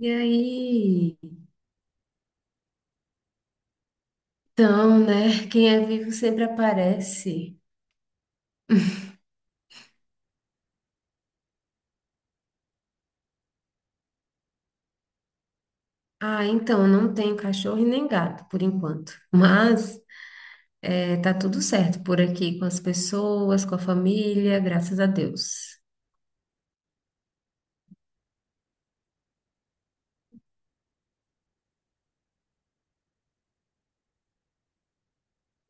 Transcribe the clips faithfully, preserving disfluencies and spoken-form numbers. E aí? Então, né? Quem é vivo sempre aparece. Ah, então, eu não tenho cachorro e nem gato, por enquanto. Mas eh, tá tudo certo por aqui, com as pessoas, com a família, graças a Deus.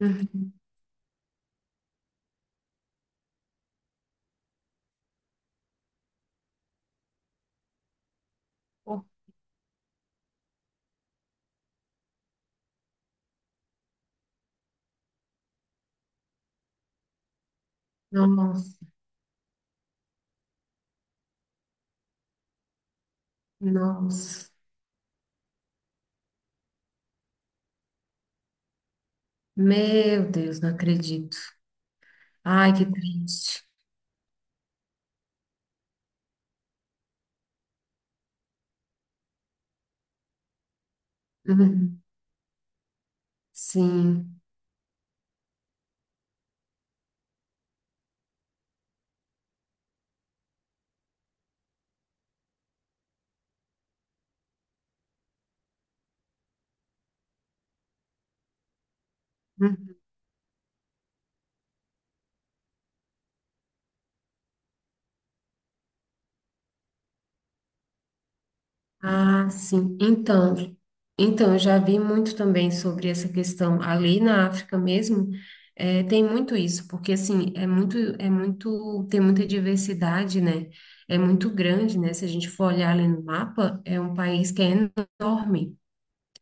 Uhum. Pô. Nossa, nossa. Meu Deus, não acredito. Ai, que triste. Uhum. Sim. Ah, sim. Então, então, eu já vi muito também sobre essa questão ali na África mesmo. Eh, tem muito isso, porque assim, é muito, é muito, tem muita diversidade, né? É muito grande, né? Se a gente for olhar ali no mapa, é um país que é enorme.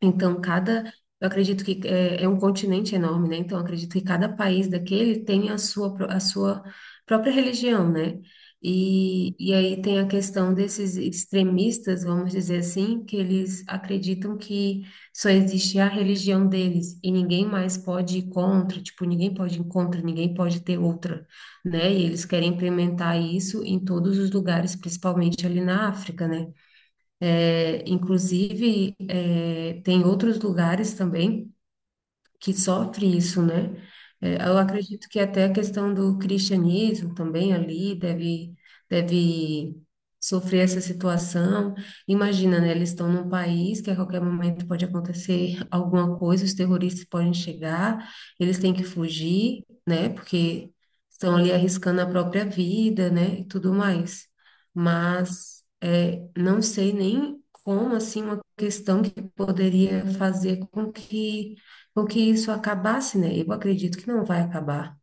Então, cada, eu acredito que é, é um continente enorme, né? Então, eu acredito que cada país daquele tem a sua, pró- a sua própria religião, né? E, e aí tem a questão desses extremistas, vamos dizer assim, que eles acreditam que só existe a religião deles e ninguém mais pode ir contra, tipo, ninguém pode ir contra, ninguém pode ter outra, né? E eles querem implementar isso em todos os lugares, principalmente ali na África, né? É, inclusive, é, tem outros lugares também que sofre isso, né? É, eu acredito que até a questão do cristianismo também ali deve, deve sofrer essa situação. Imagina, né? Eles estão num país que a qualquer momento pode acontecer alguma coisa, os terroristas podem chegar, eles têm que fugir, né? Porque estão ali arriscando a própria vida, né? E tudo mais. Mas é, não sei nem como, assim, uma questão que poderia fazer com que porque isso acabasse, né? Eu acredito que não vai acabar.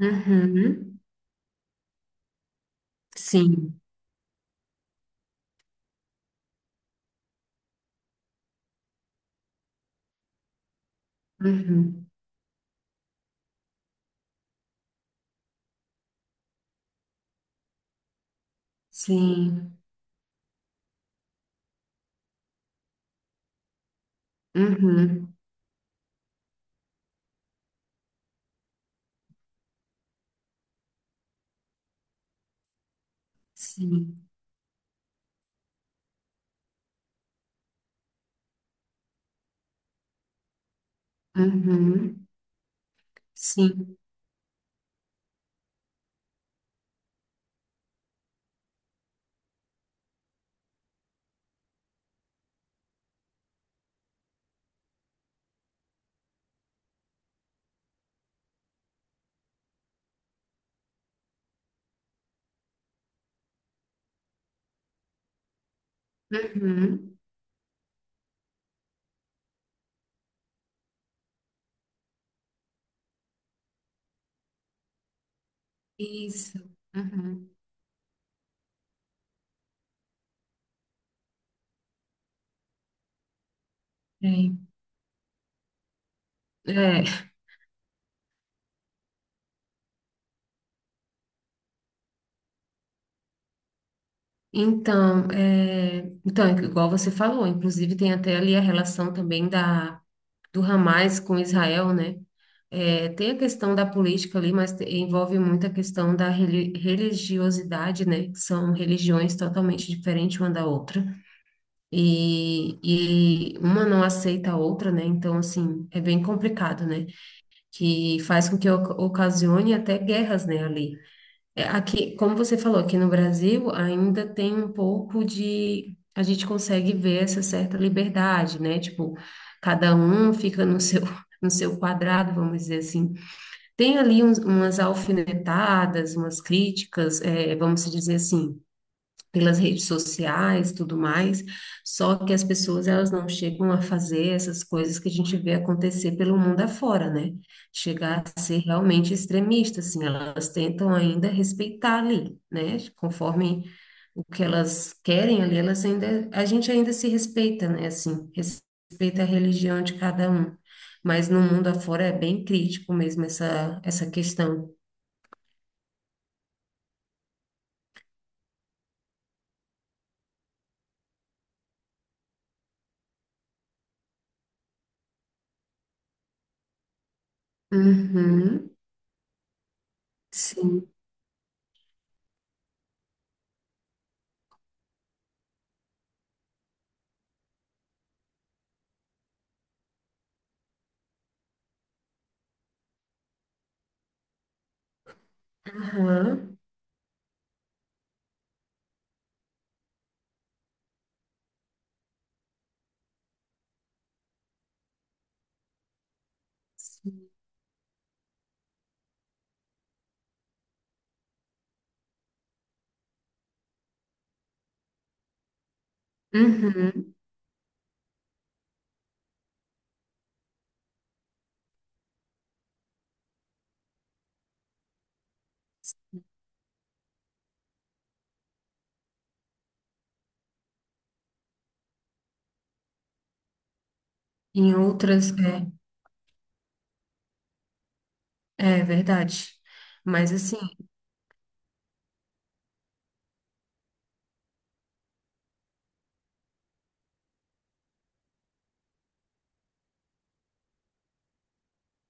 Uhum. Sim. Uhum. Sim. Uhum. Sim. Uhum. Sim. Uhum. Isso. Uhum. É. É. Então, é... então, igual você falou, inclusive tem até ali a relação também da do Hamas com Israel, né? É, tem a questão da política ali, mas te- envolve muito a questão da reli- religiosidade, né? Que são religiões totalmente diferentes uma da outra. E, e uma não aceita a outra, né? Então, assim, é bem complicado, né? Que faz com que oc- ocasione até guerras, né, ali. É, aqui, como você falou, aqui no Brasil ainda tem um pouco de... A gente consegue ver essa certa liberdade, né? Tipo, cada um fica no seu, no seu quadrado, vamos dizer assim. Tem ali uns- umas alfinetadas, umas críticas, eh, vamos dizer assim, pelas redes sociais, tudo mais, só que as pessoas elas não chegam a fazer essas coisas que a gente vê acontecer pelo mundo afora, né? Chegar a ser realmente extremista, assim, elas tentam ainda respeitar ali, né? Conforme o que elas querem ali, elas ainda, a gente ainda se respeita, né? Assim, respeita a religião de cada um. Mas no mundo afora é bem crítico mesmo essa, essa questão. Uhum, sim. Aham. Uhum. Em outras, é, é verdade. Mas assim,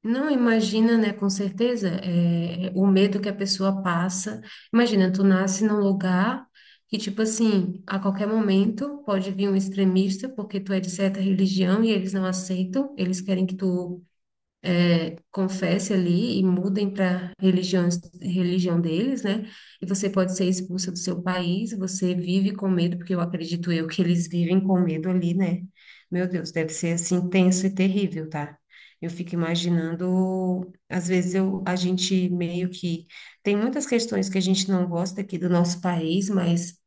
não, imagina, né, com certeza, é, o medo que a pessoa passa. Imagina, tu nasce num lugar que, tipo assim, a qualquer momento pode vir um extremista, porque tu é de certa religião e eles não aceitam, eles querem que tu confesse ali e mudem para religião, religião deles, né? E você pode ser expulsa do seu país, você vive com medo, porque eu acredito eu que eles vivem com medo ali, né? Meu Deus, deve ser assim tenso e terrível, tá? Eu fico imaginando, às vezes eu, a gente meio que tem muitas questões que a gente não gosta aqui do nosso país, mas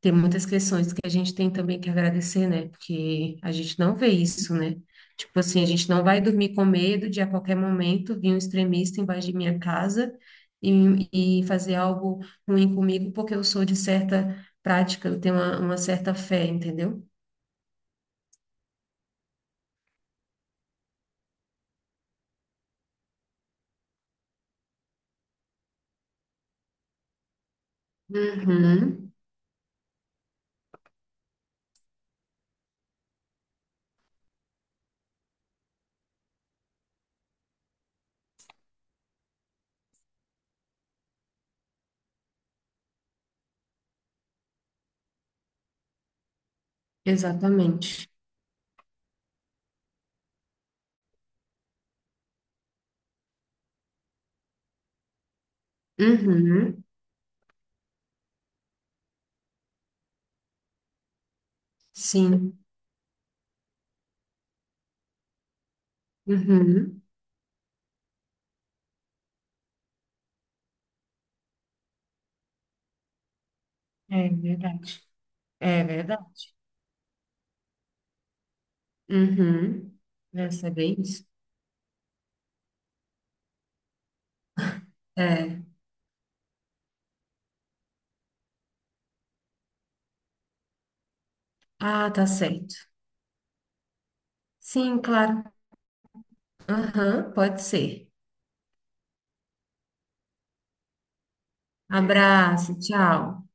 tem muitas questões que a gente tem também que agradecer, né? Porque a gente não vê isso, né? Tipo assim, a gente não vai dormir com medo de a qualquer momento vir um extremista embaixo de minha casa e, e fazer algo ruim comigo, porque eu sou de certa prática, eu tenho uma, uma certa fé, entendeu? Uhum, exatamente. Uhum, sim. Uhum. É verdade. É verdade. Uhum. Essa é bem isso. É. Ah, tá certo. Sim, claro. Aham, pode ser. Abraço, tchau.